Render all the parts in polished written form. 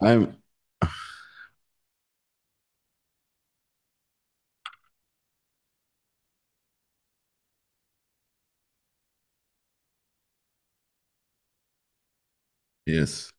Ein- yes.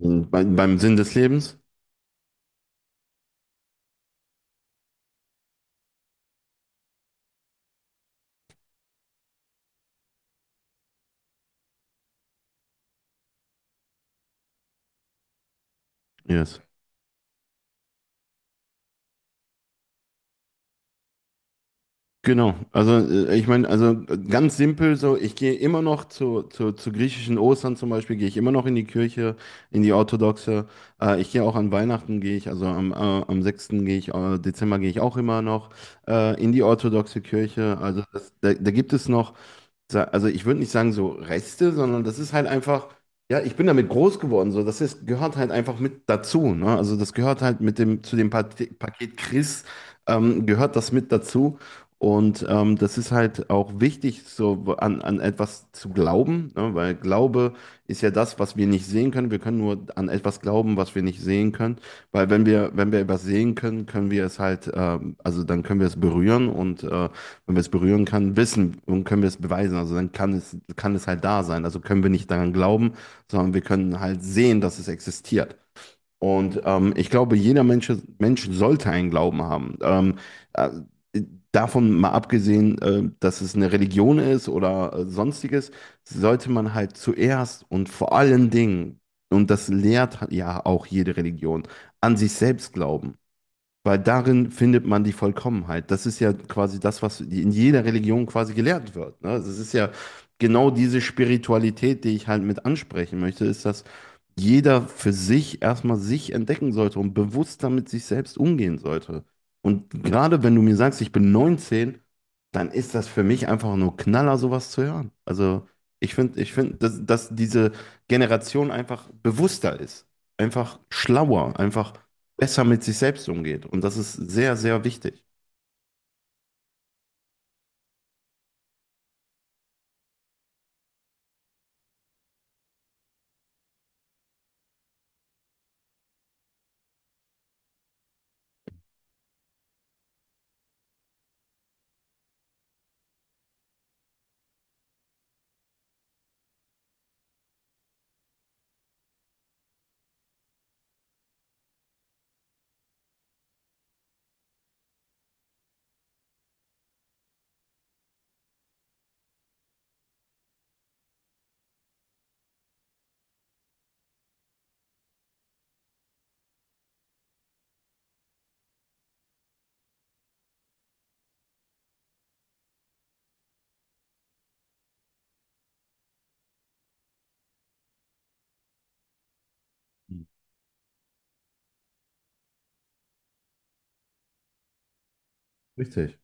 Beim Sinn des Lebens? Yes. Genau. Also ich meine, also ganz simpel so, ich gehe immer noch zu griechischen Ostern zum Beispiel, gehe ich immer noch in die Kirche, in die orthodoxe. Ich gehe auch an Weihnachten, gehe ich, also am 6. Dezember gehe ich auch immer noch in die orthodoxe Kirche. Also da gibt es noch also ich würde nicht sagen so Reste, sondern das ist halt einfach, ja, ich bin damit groß geworden, so, gehört halt einfach mit dazu, ne? Also das gehört halt zu dem Paket Chris, gehört das mit dazu. Und das ist halt auch wichtig, so an, an etwas zu glauben, ne? Weil Glaube ist ja das, was wir nicht sehen können. Wir können nur an etwas glauben, was wir nicht sehen können. Weil wenn wir etwas sehen können, können wir es halt, also dann können wir es berühren und wenn wir es berühren kann, wissen und können wir es beweisen. Also dann kann es halt da sein. Also können wir nicht daran glauben, sondern wir können halt sehen, dass es existiert. Und ich glaube, jeder Mensch sollte einen Glauben haben. Äh, Davon mal abgesehen, dass es eine Religion ist oder sonstiges, sollte man halt zuerst und vor allen Dingen, und das lehrt ja auch jede Religion, an sich selbst glauben. Weil darin findet man die Vollkommenheit. Das ist ja quasi das, was in jeder Religion quasi gelehrt wird. Ne? Also es ist ja genau diese Spiritualität, die ich halt mit ansprechen möchte, ist, dass jeder für sich erstmal sich entdecken sollte und bewusster mit sich selbst umgehen sollte. Und gerade wenn du mir sagst, ich bin 19, dann ist das für mich einfach nur Knaller, sowas zu hören. Also ich finde, dass diese Generation einfach bewusster ist, einfach schlauer, einfach besser mit sich selbst umgeht. Und das ist sehr, sehr wichtig. Richtig.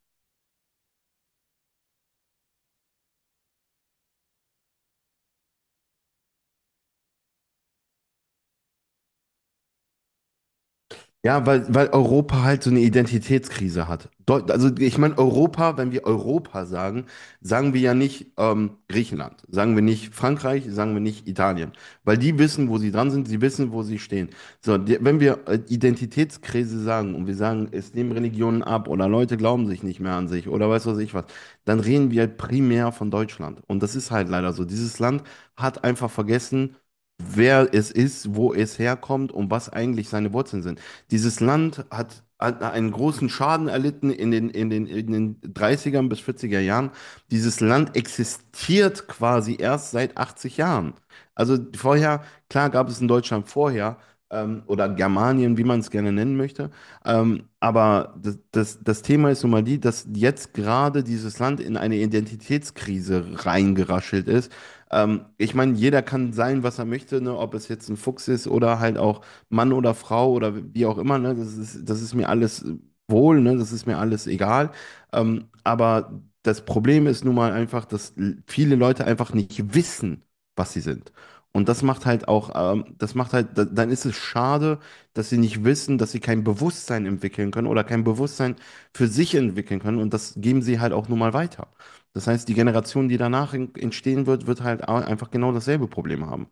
Ja, weil Europa halt so eine Identitätskrise hat. Deu Also ich meine, Europa, wenn wir Europa sagen, sagen wir ja nicht Griechenland, sagen wir nicht Frankreich, sagen wir nicht Italien, weil die wissen, wo sie dran sind, sie wissen, wo sie stehen. So, wenn wir Identitätskrise sagen und wir sagen, es nehmen Religionen ab oder Leute glauben sich nicht mehr an sich oder weiß was ich was, dann reden wir halt primär von Deutschland. Und das ist halt leider so. Dieses Land hat einfach vergessen, wer es ist, wo es herkommt und was eigentlich seine Wurzeln sind. Dieses Land hat einen großen Schaden erlitten in den 30ern bis 40 Jahren. Dieses Land existiert quasi erst seit 80 Jahren. Also vorher, klar gab es in Deutschland vorher, oder Germanien, wie man es gerne nennen möchte. Aber das Thema ist nun mal die, dass jetzt gerade dieses Land in eine Identitätskrise reingeraschelt ist. Ich meine, jeder kann sein, was er möchte, ne? Ob es jetzt ein Fuchs ist oder halt auch Mann oder Frau oder wie auch immer, ne? Das ist mir alles wohl, ne? Das ist mir alles egal. Aber das Problem ist nun mal einfach, dass viele Leute einfach nicht wissen, was sie sind. Und das macht halt auch, das macht halt, dann ist es schade, dass sie nicht wissen, dass sie kein Bewusstsein entwickeln können oder kein Bewusstsein für sich entwickeln können. Und das geben sie halt auch nun mal weiter. Das heißt, die Generation, die danach entstehen wird, wird halt einfach genau dasselbe Problem haben.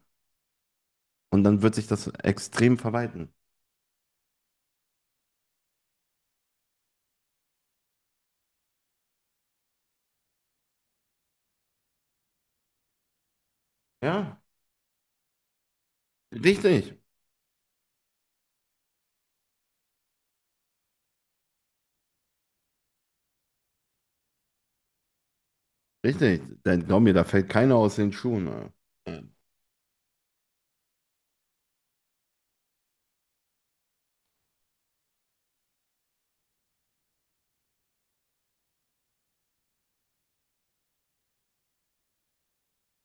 Und dann wird sich das extrem verweiten. Ja. Richtig, richtig. Dann glaub mir, da fällt keiner aus den Schuhen. äh.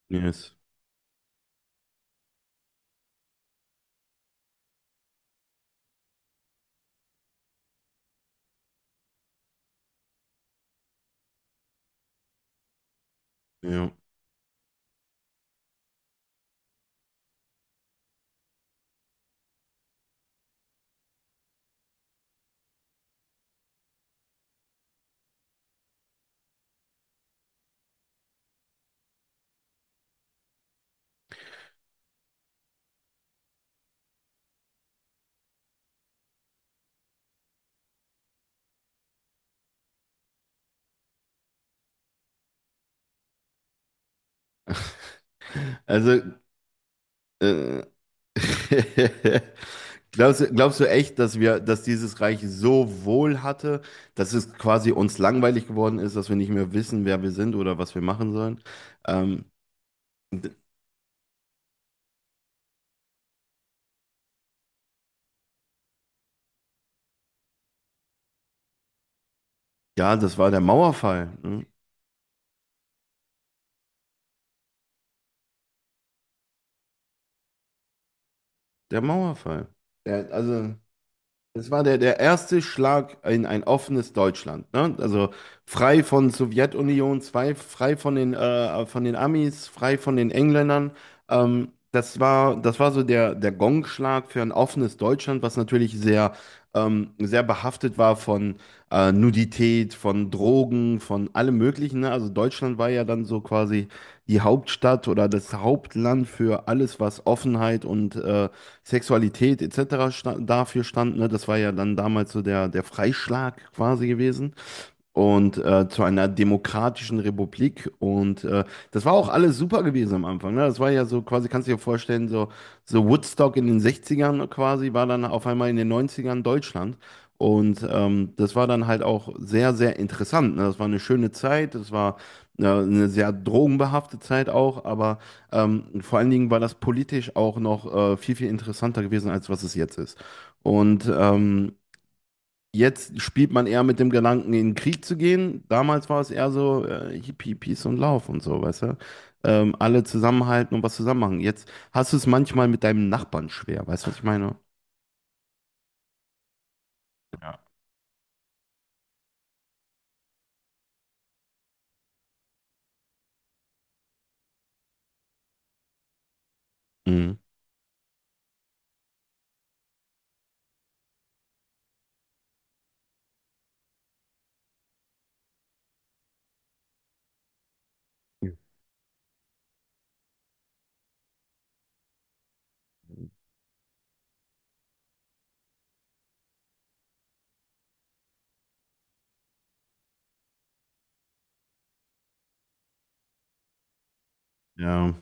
Yes. Ja. Also, äh, glaubst du echt, dass wir, dass dieses Reich so wohl hatte, dass es quasi uns langweilig geworden ist, dass wir nicht mehr wissen, wer wir sind oder was wir machen sollen? Ähm, d- ja, das war der Mauerfall. Ne? Der Mauerfall. Der, also. Das war der erste Schlag in ein offenes Deutschland. Ne? Also frei von Sowjetunion, zwei, frei von den Amis, frei von den Engländern. Das war so der Gongschlag für ein offenes Deutschland, was natürlich sehr behaftet war von Nudität, von Drogen, von allem Möglichen. Ne? Also Deutschland war ja dann so quasi die Hauptstadt oder das Hauptland für alles, was Offenheit und Sexualität etc. Sta dafür stand. Ne? Das war ja dann damals so der Freischlag quasi gewesen und zu einer demokratischen Republik. Und das war auch alles super gewesen am Anfang. Ne? Das war ja so quasi, kannst du dir vorstellen, so, so Woodstock in den 60ern quasi, war dann auf einmal in den 90ern Deutschland. Und das war dann halt auch sehr, sehr interessant. Ne? Das war eine schöne Zeit, das war eine sehr drogenbehaftete Zeit auch, aber vor allen Dingen war das politisch auch noch viel, viel interessanter gewesen, als was es jetzt ist. Und jetzt spielt man eher mit dem Gedanken, in den Krieg zu gehen. Damals war es eher so, Hippie, Peace und Lauf und so, weißt du? Alle zusammenhalten und was zusammen machen. Jetzt hast du es manchmal mit deinem Nachbarn schwer, weißt du, was ich meine? Mhm. Ja,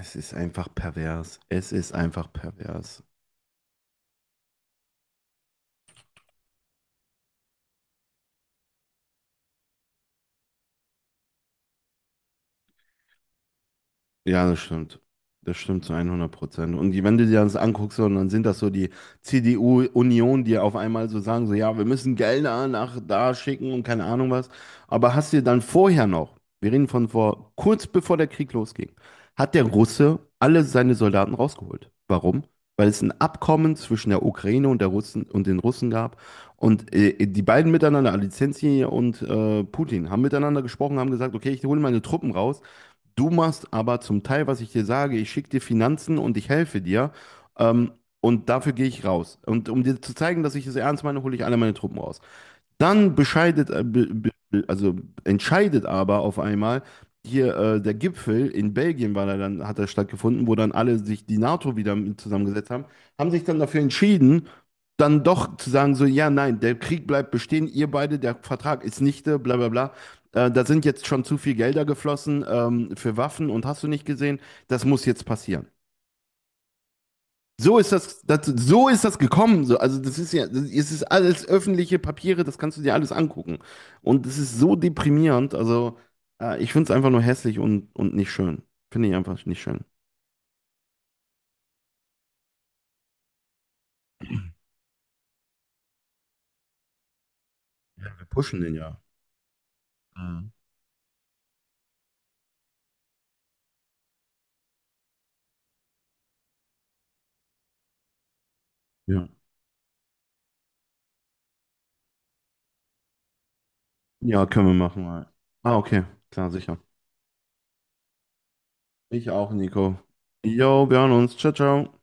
es ist einfach pervers. Es ist einfach pervers. Ja, das stimmt. Das stimmt zu 100%. Und wenn du dir das anguckst, und dann sind das so die CDU-Union, die auf einmal so sagen, so, ja, wir müssen Gelder nach da schicken und keine Ahnung was. Aber hast du dann vorher noch, wir reden von vor, kurz bevor der Krieg losging, hat der Russe alle seine Soldaten rausgeholt. Warum? Weil es ein Abkommen zwischen der Ukraine und der Russen und den Russen gab. Und die beiden miteinander, Alizensi und Putin, haben miteinander gesprochen, haben gesagt, okay, ich hole meine Truppen raus. Du machst aber zum Teil, was ich dir sage, ich schicke dir Finanzen und ich helfe dir. Ähm, und dafür gehe ich raus. Und um dir zu zeigen, dass ich es ernst meine, hole ich alle meine Truppen raus. Dann also entscheidet aber auf einmal hier der Gipfel in Belgien war da dann, hat er stattgefunden, wo dann alle sich die NATO wieder mit zusammengesetzt haben, haben sich dann dafür entschieden, dann doch zu sagen, so, ja, nein, der Krieg bleibt bestehen, ihr beide, der Vertrag ist nichte, bla bla bla. Da sind jetzt schon zu viel Gelder geflossen für Waffen und hast du nicht gesehen, das muss jetzt passieren. So ist das gekommen. So, also das ist ja, das, es ist alles öffentliche Papiere, das kannst du dir alles angucken. Und es ist so deprimierend. Also ich finde es einfach nur hässlich und nicht schön. Finde ich einfach nicht schön. Ja, wir pushen den ja. Mhm. Ja. Ja, können wir machen. Mal. Ah, okay. Klar, sicher. Ich auch, Nico. Jo, wir hören uns. Ciao, ciao.